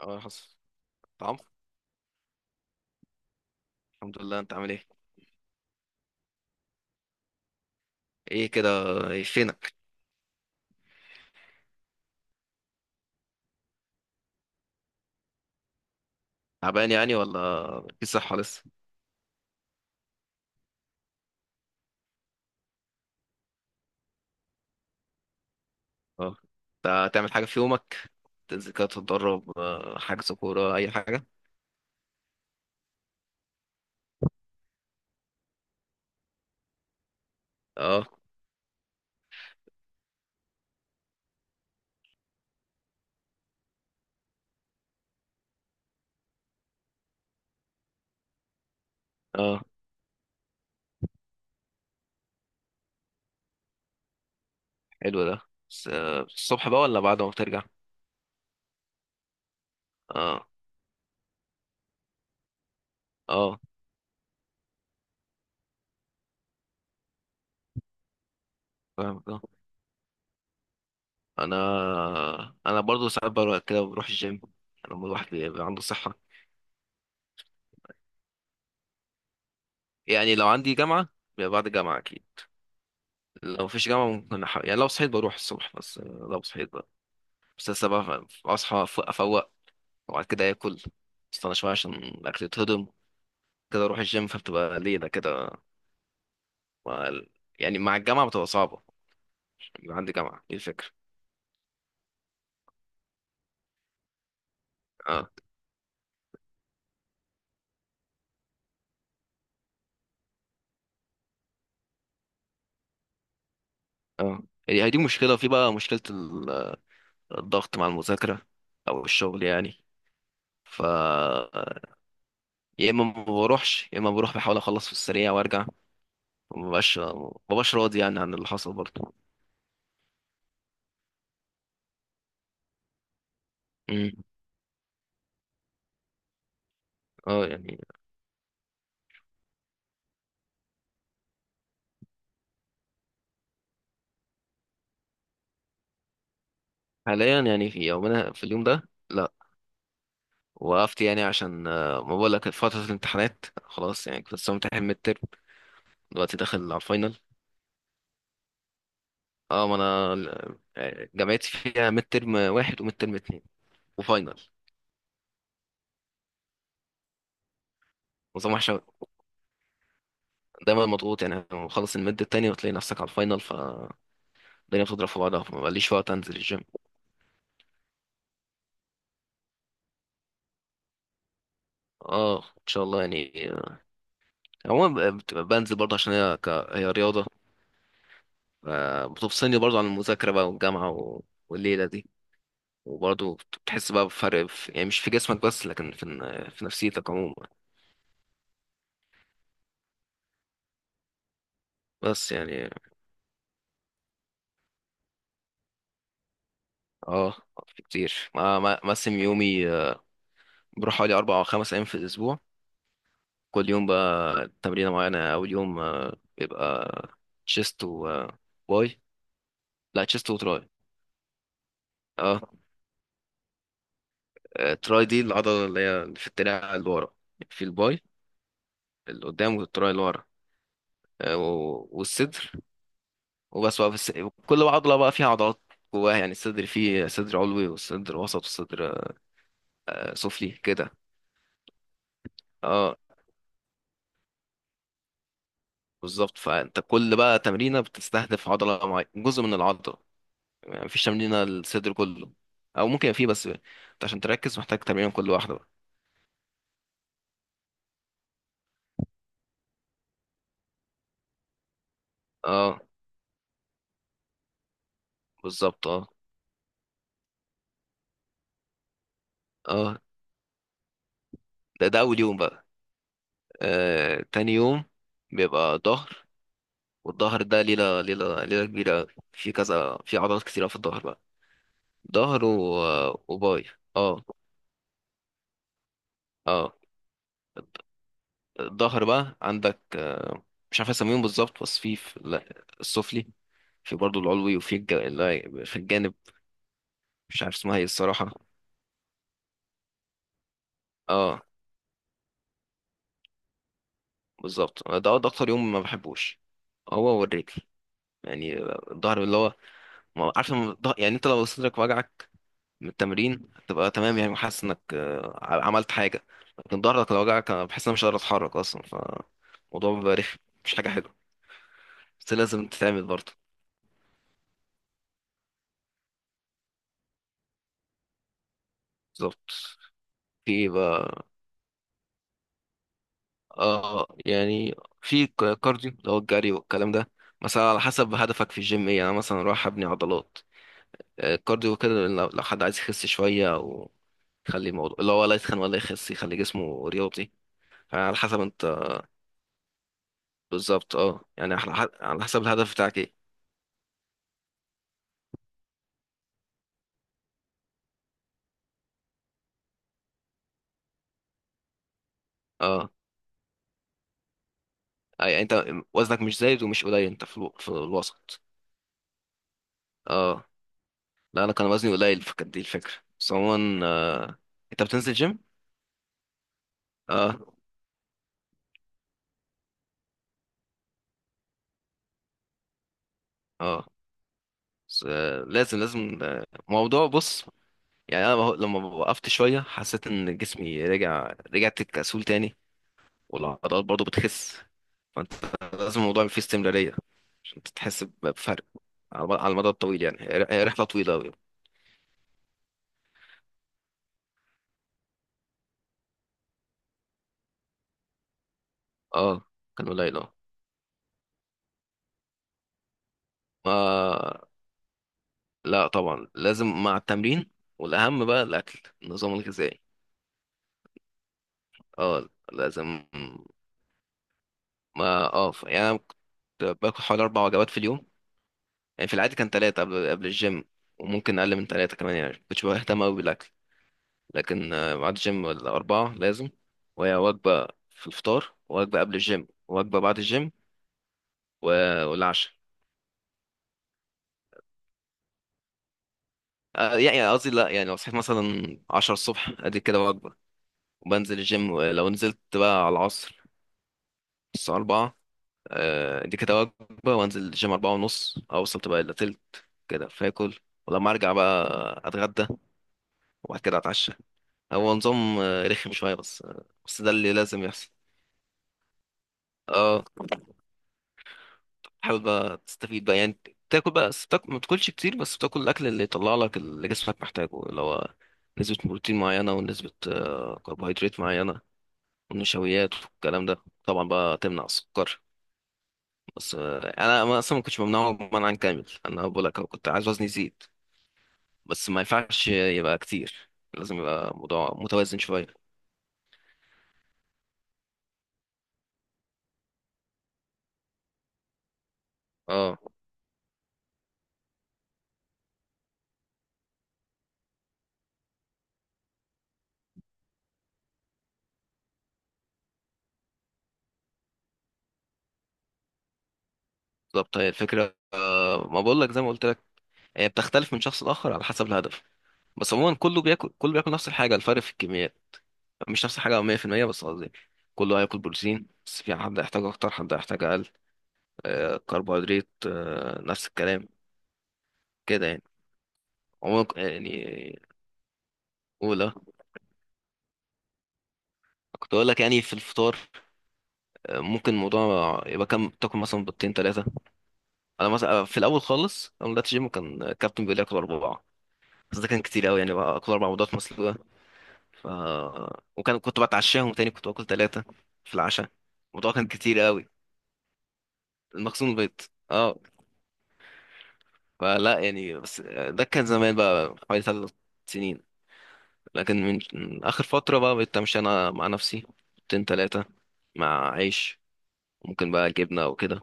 اه، حصل. طعم. الحمد لله، انت عامل ايه؟ ايه كده؟ ايه فينك؟ تعبان يعني ولا في صحة لسه؟ اه. انت هتعمل حاجة في يومك؟ تنزل كده تتدرب، حجز كورة اي حاجة؟ اه. اه، حلو ده. بس الصبح بقى ولا بعد ما بترجع؟ اه. اه، فاهم ده. انا انا برضو ساعات بروح كده، بروح الجيم لما الواحد بيبقى عنده صحة. يعني لو عندي جامعة بيبقى بعد الجامعة اكيد. لو مفيش جامعة ممكن يعني لو صحيت بروح الصبح، بس لو صحيت. بس لسه بقى، اصحى أفوق، وبعد كده اكل، استنى شويه عشان الاكل يتهضم، كده اروح الجيم، فبتبقى ليله كده. مع ال- يعني مع الجامعه بتبقى صعبه، عشان بيبقى عندي جامعه. دي الفكره. اه. اه، هي دي مشكله، وفي بقى مشكله الضغط مع المذاكره او الشغل يعني. ف يا اما ما بروحش، يا اما بروح بحاول اخلص في السريع وارجع. مبقاش مبقاش راضي يعني عن اللي حصل برضه. امم اه، يعني. حاليا يعني في اليوم ده لا. وقفت يعني عشان، ما بقول لك، فترة الامتحانات خلاص، يعني كنت لسه متحل ميد ترم. دلوقتي داخل على الفاينل. اه، ما انا جامعتي فيها ميد ترم واحد وميد ترم اتنين وفاينل. نظام وحش أوي. دايما مضغوط، يعني مخلص الميد التاني وتلاقي نفسك على الفاينل، فالدنيا بتضرب في بعضها، فما بقاليش وقت انزل الجيم. اه، ان شاء الله يعني. عموما بنزل برضه، عشان هي هي رياضة، بتفصلني برضه عن المذاكرة بقى والجامعة والليلة دي. وبرضه بتحس بقى بفرق، في يعني مش في جسمك بس، لكن في في نفسيتك عموما. بس يعني اه. في كتير، ما مقسم يومي. بروح حوالي 4 أو 5 أيام في الأسبوع. كل يوم بقى تمرينة معينة. أول يوم بيبقى تشيست و باي. لا، تشيست وتراي. اه. تراي دي العضلة اللي هي اللي في الدراع اللي ورا، في الباي اللي قدام والتراي اللي ورا. والصدر. وبس بقى في الس... كل عضلة بقى فيها عضلات جواها. يعني الصدر فيه صدر علوي والصدر وسط والصدر سفلي كده. اه، بالظبط. فانت كل بقى تمرينه بتستهدف عضله معينه، جزء من العضله. يعني مفيش تمرينه للصدر كله، او ممكن يبقى فيه، بس انت عشان تركز محتاج تمرين كل واحده بقى. اه، بالظبط اه. اه، ده اول يوم بقى. آه، تاني يوم بيبقى ظهر. والظهر ده ليله ليله ليله كبيره. في كذا، في عضلات كتيره في الظهر بقى. ظهر وباي. اه. اه، الظهر بقى عندك مش عارف اسميهم بالظبط، بس في لا، السفلي، في برضه العلوي، وفي لا، في الجانب. مش عارف اسمها ايه الصراحة. اه، بالظبط. ده اكتر يوم ما بحبوش، هو والرجل. يعني الظهر اللي هو، عارف لما يعني انت لو صدرك وجعك من التمرين هتبقى تمام يعني، وحاسس انك عملت حاجة. لكن ظهرك لو وجعك، انا بحس ان انا مش قادر اتحرك اصلا، فالموضوع بيبقى رخم، مش حاجة حلوة. بس لازم تتعمل برضه. بالظبط. في إيه بقى؟ اه، يعني في كارديو، اللي هو الجري والكلام ده، مثلا على حسب هدفك في الجيم ايه. يعني أنا مثلا رايح ابني عضلات. الكارديو كده لو حد عايز يخس شويه، او يخلي الموضوع اللي هو لا يتخن ولا يخس، يخلي جسمه رياضي. فعلى حسب انت. بالظبط اه، يعني على على حسب الهدف بتاعك ايه. اه، يعني انت وزنك مش زايد ومش قليل، انت في الوسط. اه. لا، انا كان وزني قليل، فكانت دي الفكره. بس عموما انت بتنزل جيم؟ اه. اه، بس لازم موضوع، بص. يعني انا لما وقفت شويه حسيت ان جسمي رجع، رجعت كسول تاني، والعضلات برضو بتخس. فانت لازم الموضوع فيه استمراريه، عشان تحس بفرق على المدى الطويل. يعني هي رحله طويله قوي. اه، كان قليل اه. ما لا، طبعا لازم مع التمرين، والاهم بقى الاكل، النظام الغذائي. اه، لازم. ما اه، يعني أنا كنت باكل حوالي اربع وجبات في اليوم. يعني في العادي كان ثلاثه، قبل الجيم، وممكن اقل من ثلاثه كمان، يعني كنتش بهتم قوي بالاكل. لكن ميعاد الجيم، الأربعة لازم. وهي وجبة في الفطار، وجبة قبل الجيم، وجبة بعد الجيم، والعشاء. يعني قصدي لا. يعني لو صحيت مثلا 10 الصبح ادي كده وجبة، وبنزل الجيم. ولو نزلت بقى على العصر، الساعة 4، ادي كده وجبة، وانزل الجيم 4:30، أوصل تبقى إلا تلت كده فاكل. ولما أرجع بقى أتغدى، وبعد كده أتعشى. هو نظام رخم شوية، بس ده اللي لازم يحصل. اه، حاول بقى تستفيد بقى، يعني تاكل بقى، بس تاكل ما تاكلش كتير، بس تاكل الاكل اللي يطلع لك، اللي جسمك محتاجه، اللي هو نسبة بروتين معينة، ونسبة كربوهيدرات معينة، والنشويات والكلام ده. طبعا بقى تمنع السكر، بس انا اصلا ما كنتش ممنوع منعا كامل، انا بقول لك أهو، كنت عايز وزني يزيد. بس ما ينفعش يبقى كتير، لازم يبقى موضوع متوازن شوية. اه، بالظبط. هي الفكرة ما بقول لك، زي ما قلت لك، هي بتختلف من شخص لآخر على حسب الهدف. بس عموما كله بياكل نفس الحاجة، الفرق في الكميات. مش نفس الحاجة 100%، بس قصدي كله هياكل بروتين، بس في حد هيحتاج أكتر، حد هيحتاج أقل. كربوهيدرات نفس الكلام كده يعني، عموما يعني. أولى، كنت أقول لك، يعني في الفطار ممكن الموضوع يبقى كام، تاكل مثلا بيضتين تلاتة. أنا مثلا في الأول خالص، أول ما بدأت جيم، كان الكابتن بيقول لي آكل أربعة. بس ده كان كتير أوي، يعني بقى آكل أربع بيضات مسلوقة. ف... كنت بتعشاهم تاني، كنت باكل تلاتة في العشاء. الموضوع كان كتير أوي، المخزون بيض. اه، فلا يعني، بس. ده كان زمان بقى، حوالي 3 سنين. لكن من آخر فترة بقى، بقيت أمشي أنا مع نفسي، حطين تلاتة، مع عيش، ممكن بقى جبنة وكده،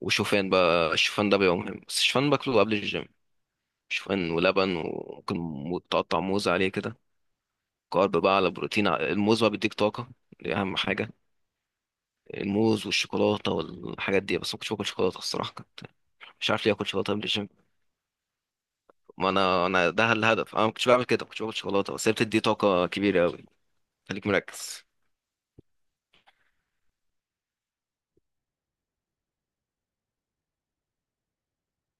وشوفان بقى. الشوفان ده بيبقى مهم، بس الشوفان باكله قبل الجيم. شوفان ولبن، وممكن تقطع موز عليه كده، كارب بقى على بروتين. الموز بقى بيديك طاقة، دي أهم حاجة. الموز والشوكولاتة والحاجات دي، بس ما كنتش باكل شوكولاتة الصراحة. كنت مش عارف ليه آكل شوكولاتة قبل الجيم، ما انا ده الهدف. انا ما كنتش بعمل كده، ما كنتش باكل شوكولاته، بس هي بتدي طاقه كبيره قوي، خليك مركز.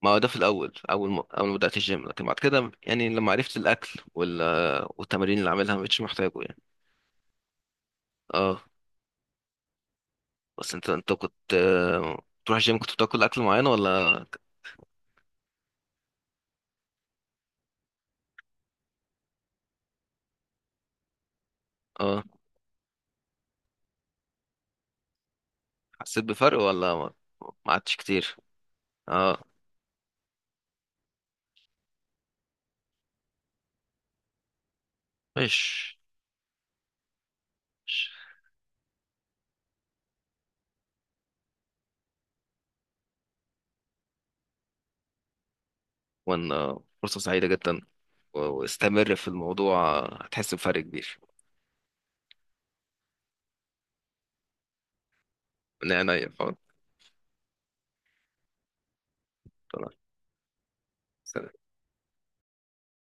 ما هو ده في الاول، اول ما بدات الجيم، لكن بعد كده يعني لما عرفت الاكل والتمارين اللي عاملها، ما بقتش محتاجه يعني. اه. بس انت كنت تروح الجيم كنت بتاكل اكل معين ولا؟ اه، حسيت بفرق ولا ما ما عادش كتير؟ اه. مش مش. وان فرصه سعيده جدا، واستمر في الموضوع. هتحس بفرق كبير. من عينيا. خلاص.